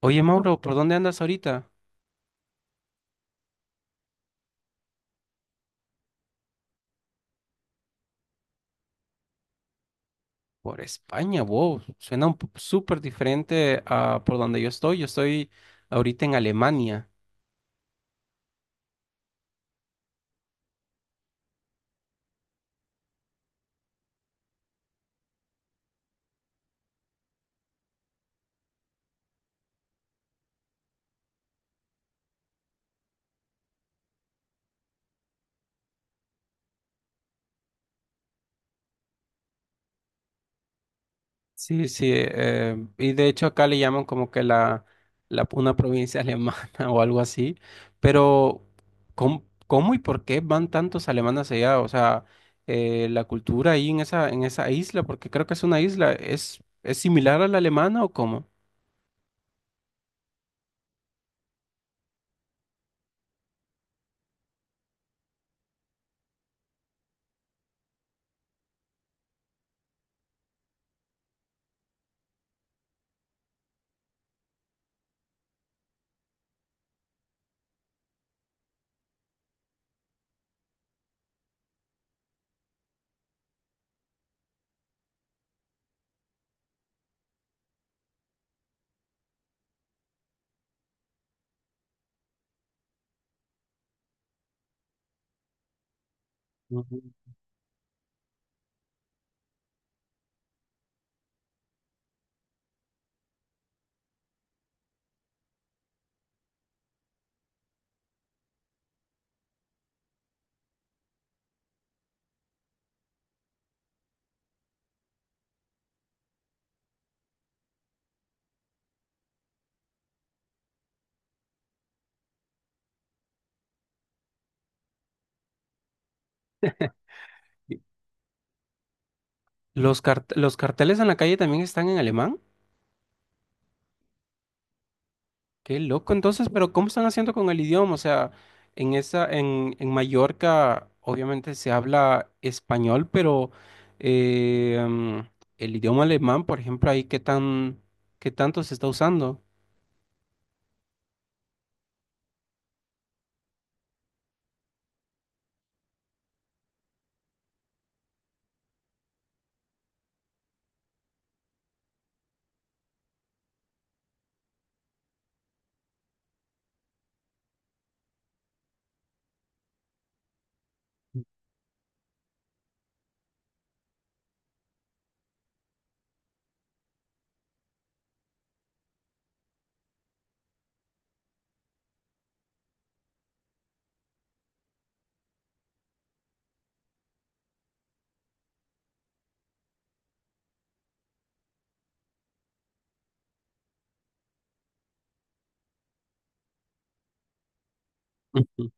Oye, Mauro, ¿por dónde andas ahorita? Por España, wow. Suena un po- súper diferente a por donde yo estoy. Yo estoy ahorita en Alemania. Sí, sí. Y de hecho acá le llaman como que la una provincia alemana o algo así. Pero, ¿cómo y por qué van tantos alemanes allá? O sea, la cultura ahí en en esa isla, porque creo que es una isla, ¿es similar a la alemana o cómo? Ujú. ¿Los cart- los carteles en la calle también están en alemán? Qué loco, entonces, pero ¿cómo están haciendo con el idioma? O sea, en en Mallorca, obviamente se habla español, pero eh, mm, el idioma alemán, por ejemplo, ahí qué tanto se está usando. Ujú.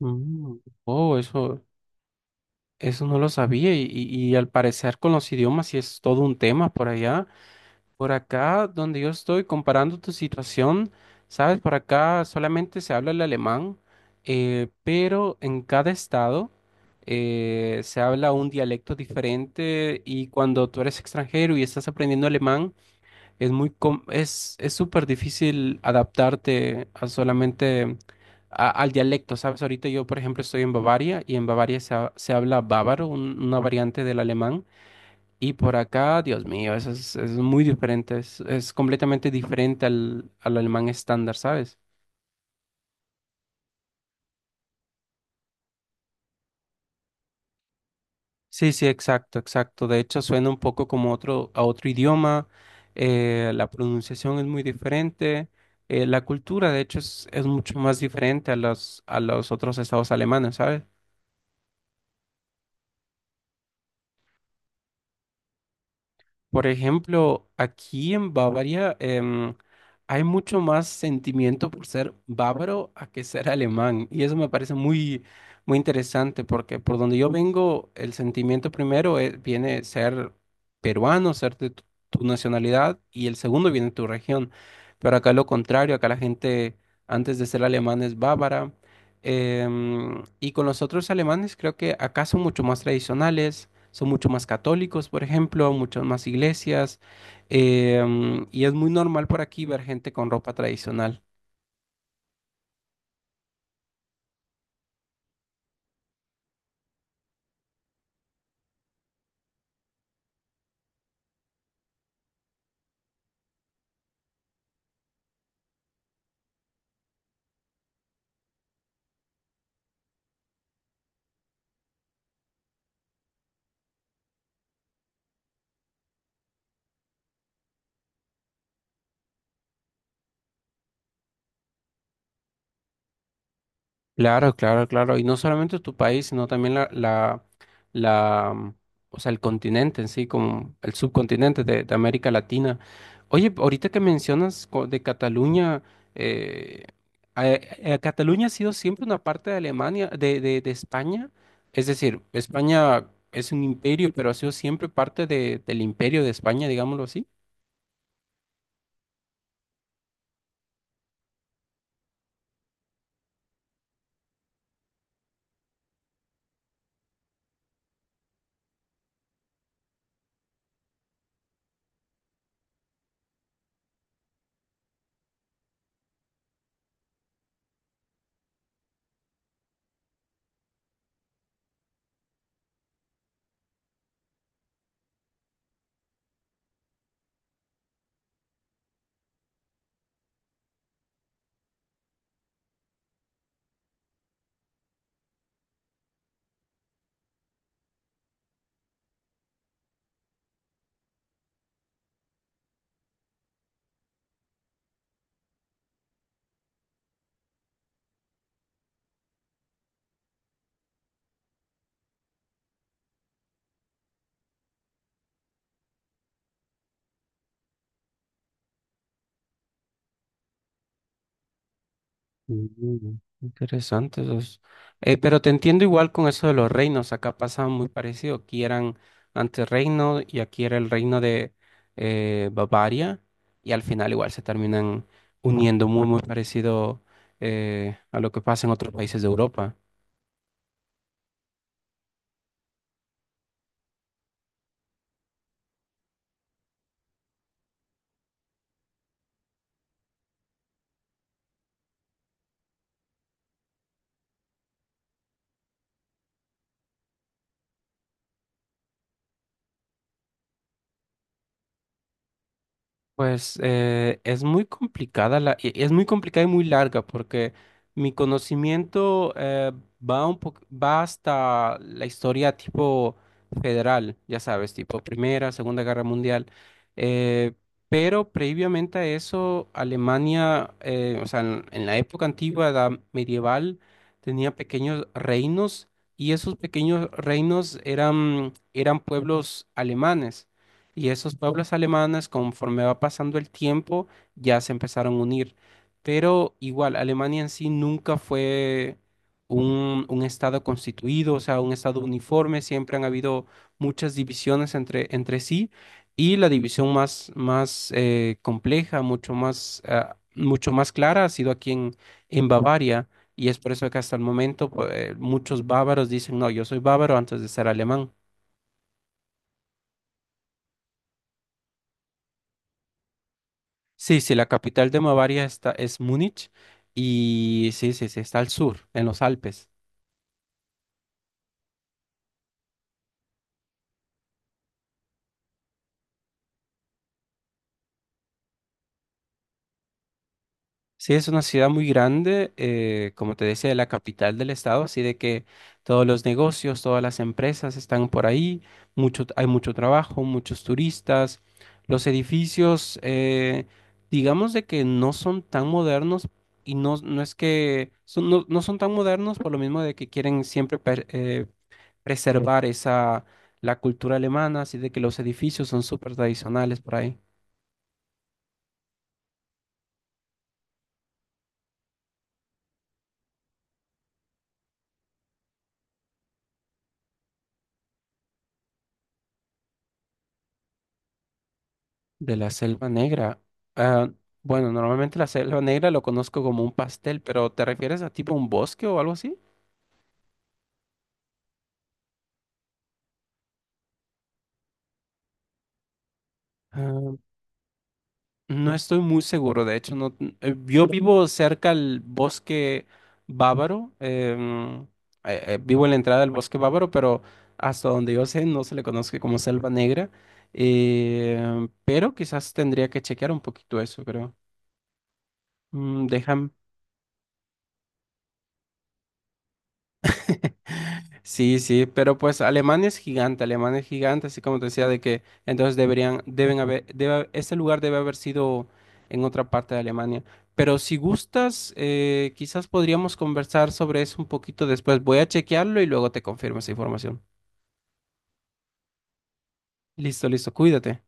Mm, Oh, eso no lo sabía, y al parecer con los idiomas sí es todo un tema por allá. Por acá, donde yo estoy, comparando tu situación, sabes, por acá solamente se habla el alemán, pero en cada estado se habla un dialecto diferente y cuando tú eres extranjero y estás aprendiendo alemán, es es súper difícil adaptarte a solamente a- al dialecto, ¿sabes? Ahorita yo, por ejemplo, estoy en Bavaria y en Bavaria se habla bávaro, un- una variante del alemán. Y por acá, Dios mío, es muy diferente, es completamente diferente al, al alemán estándar, ¿sabes? Sí, sí, exacto, exacto. De hecho, suena un poco como otro, a otro idioma, la pronunciación es muy diferente, la cultura, de hecho, es mucho más diferente a los otros estados alemanes, ¿sabes? Por ejemplo, aquí en Bavaria hay mucho más sentimiento por ser bávaro a que ser alemán. Y eso me parece muy, muy interesante porque por donde yo vengo, el sentimiento primero es- viene ser peruano, ser de tu, tu nacionalidad, y el segundo viene de tu región. Pero acá lo contrario, acá la gente antes de ser alemán es bávara. Y con los otros alemanes creo que acá son mucho más tradicionales son mucho más católicos, por ejemplo, muchas más iglesias, eh, y es muy normal por aquí ver gente con ropa tradicional. Claro, claro, claro. Y no solamente tu país, sino también la, mm, o sea, el continente en sí, como el subcontinente de América Latina. Oye, ahorita que mencionas co- de Cataluña, eh, a- Cataluña ha sido siempre una parte de Alemania, de España. Es decir, España es un imperio, pero ha sido siempre parte de- del imperio de España, digámoslo así. Mm, Interesante esos. Pero te entiendo igual con eso de los reinos. Acá pasaba muy parecido. Aquí eran antes reino y aquí era el reino de Bavaria. Y al final igual se terminan uniendo muy, muy parecido a lo que pasa en otros países de Europa. Pues es muy complicada es muy complicada y muy larga porque mi conocimiento va un po- va hasta la historia tipo federal, ya sabes, tipo Primera, Segunda Guerra Mundial. eh, pero previamente a eso, Alemania, o sea, en la época antigua, edad medieval, tenía pequeños reinos y esos pequeños reinos eran pueblos alemanes. Y esos pueblos alemanes, conforme va pasando el tiempo, ya se empezaron a unir. Pero igual, Alemania en sí nunca fue un estado constituido, o sea, un estado uniforme. Siempre han habido muchas divisiones entre, entre sí. Y la división más compleja, mucho más, ah, mucho más clara, ha sido aquí en Bavaria. Y es por eso que hasta el momento pues, muchos bávaros dicen, no, yo soy bávaro antes de ser alemán. Sí, sí, la capital de Bavaria es Múnich y sí, sí, sí, está al sur, en los Alpes. Sí, es una ciudad muy grande, como te decía, la capital del estado, así de que todos los negocios, todas las empresas están por ahí, mucho, hay mucho trabajo, muchos turistas, los edificios, digamos de que no son tan modernos y no, no, no son tan modernos por lo mismo de que quieren siempre preservar la cultura alemana, así de que los edificios son súper tradicionales por ahí. De la Selva Negra. ah, bueno, normalmente la Selva Negra lo conozco como un pastel, pero ¿te refieres a tipo un bosque o algo así? Ah, no estoy muy seguro, de hecho, no, yo vivo cerca al bosque bávaro, vivo en la entrada del bosque bávaro, pero hasta donde yo sé no se le conoce como Selva Negra, pero quizás tendría que chequear un poquito eso, creo. Déjame. Sí, sí, pero pues Alemania es gigante, así como te decía, de que entonces deberían, deben haber, debe, ese lugar debe haber sido en otra parte de Alemania. Pero si gustas, quizás podríamos conversar sobre eso un poquito después. Voy a chequearlo y luego te confirmo esa información. Listo, listo, cuídate.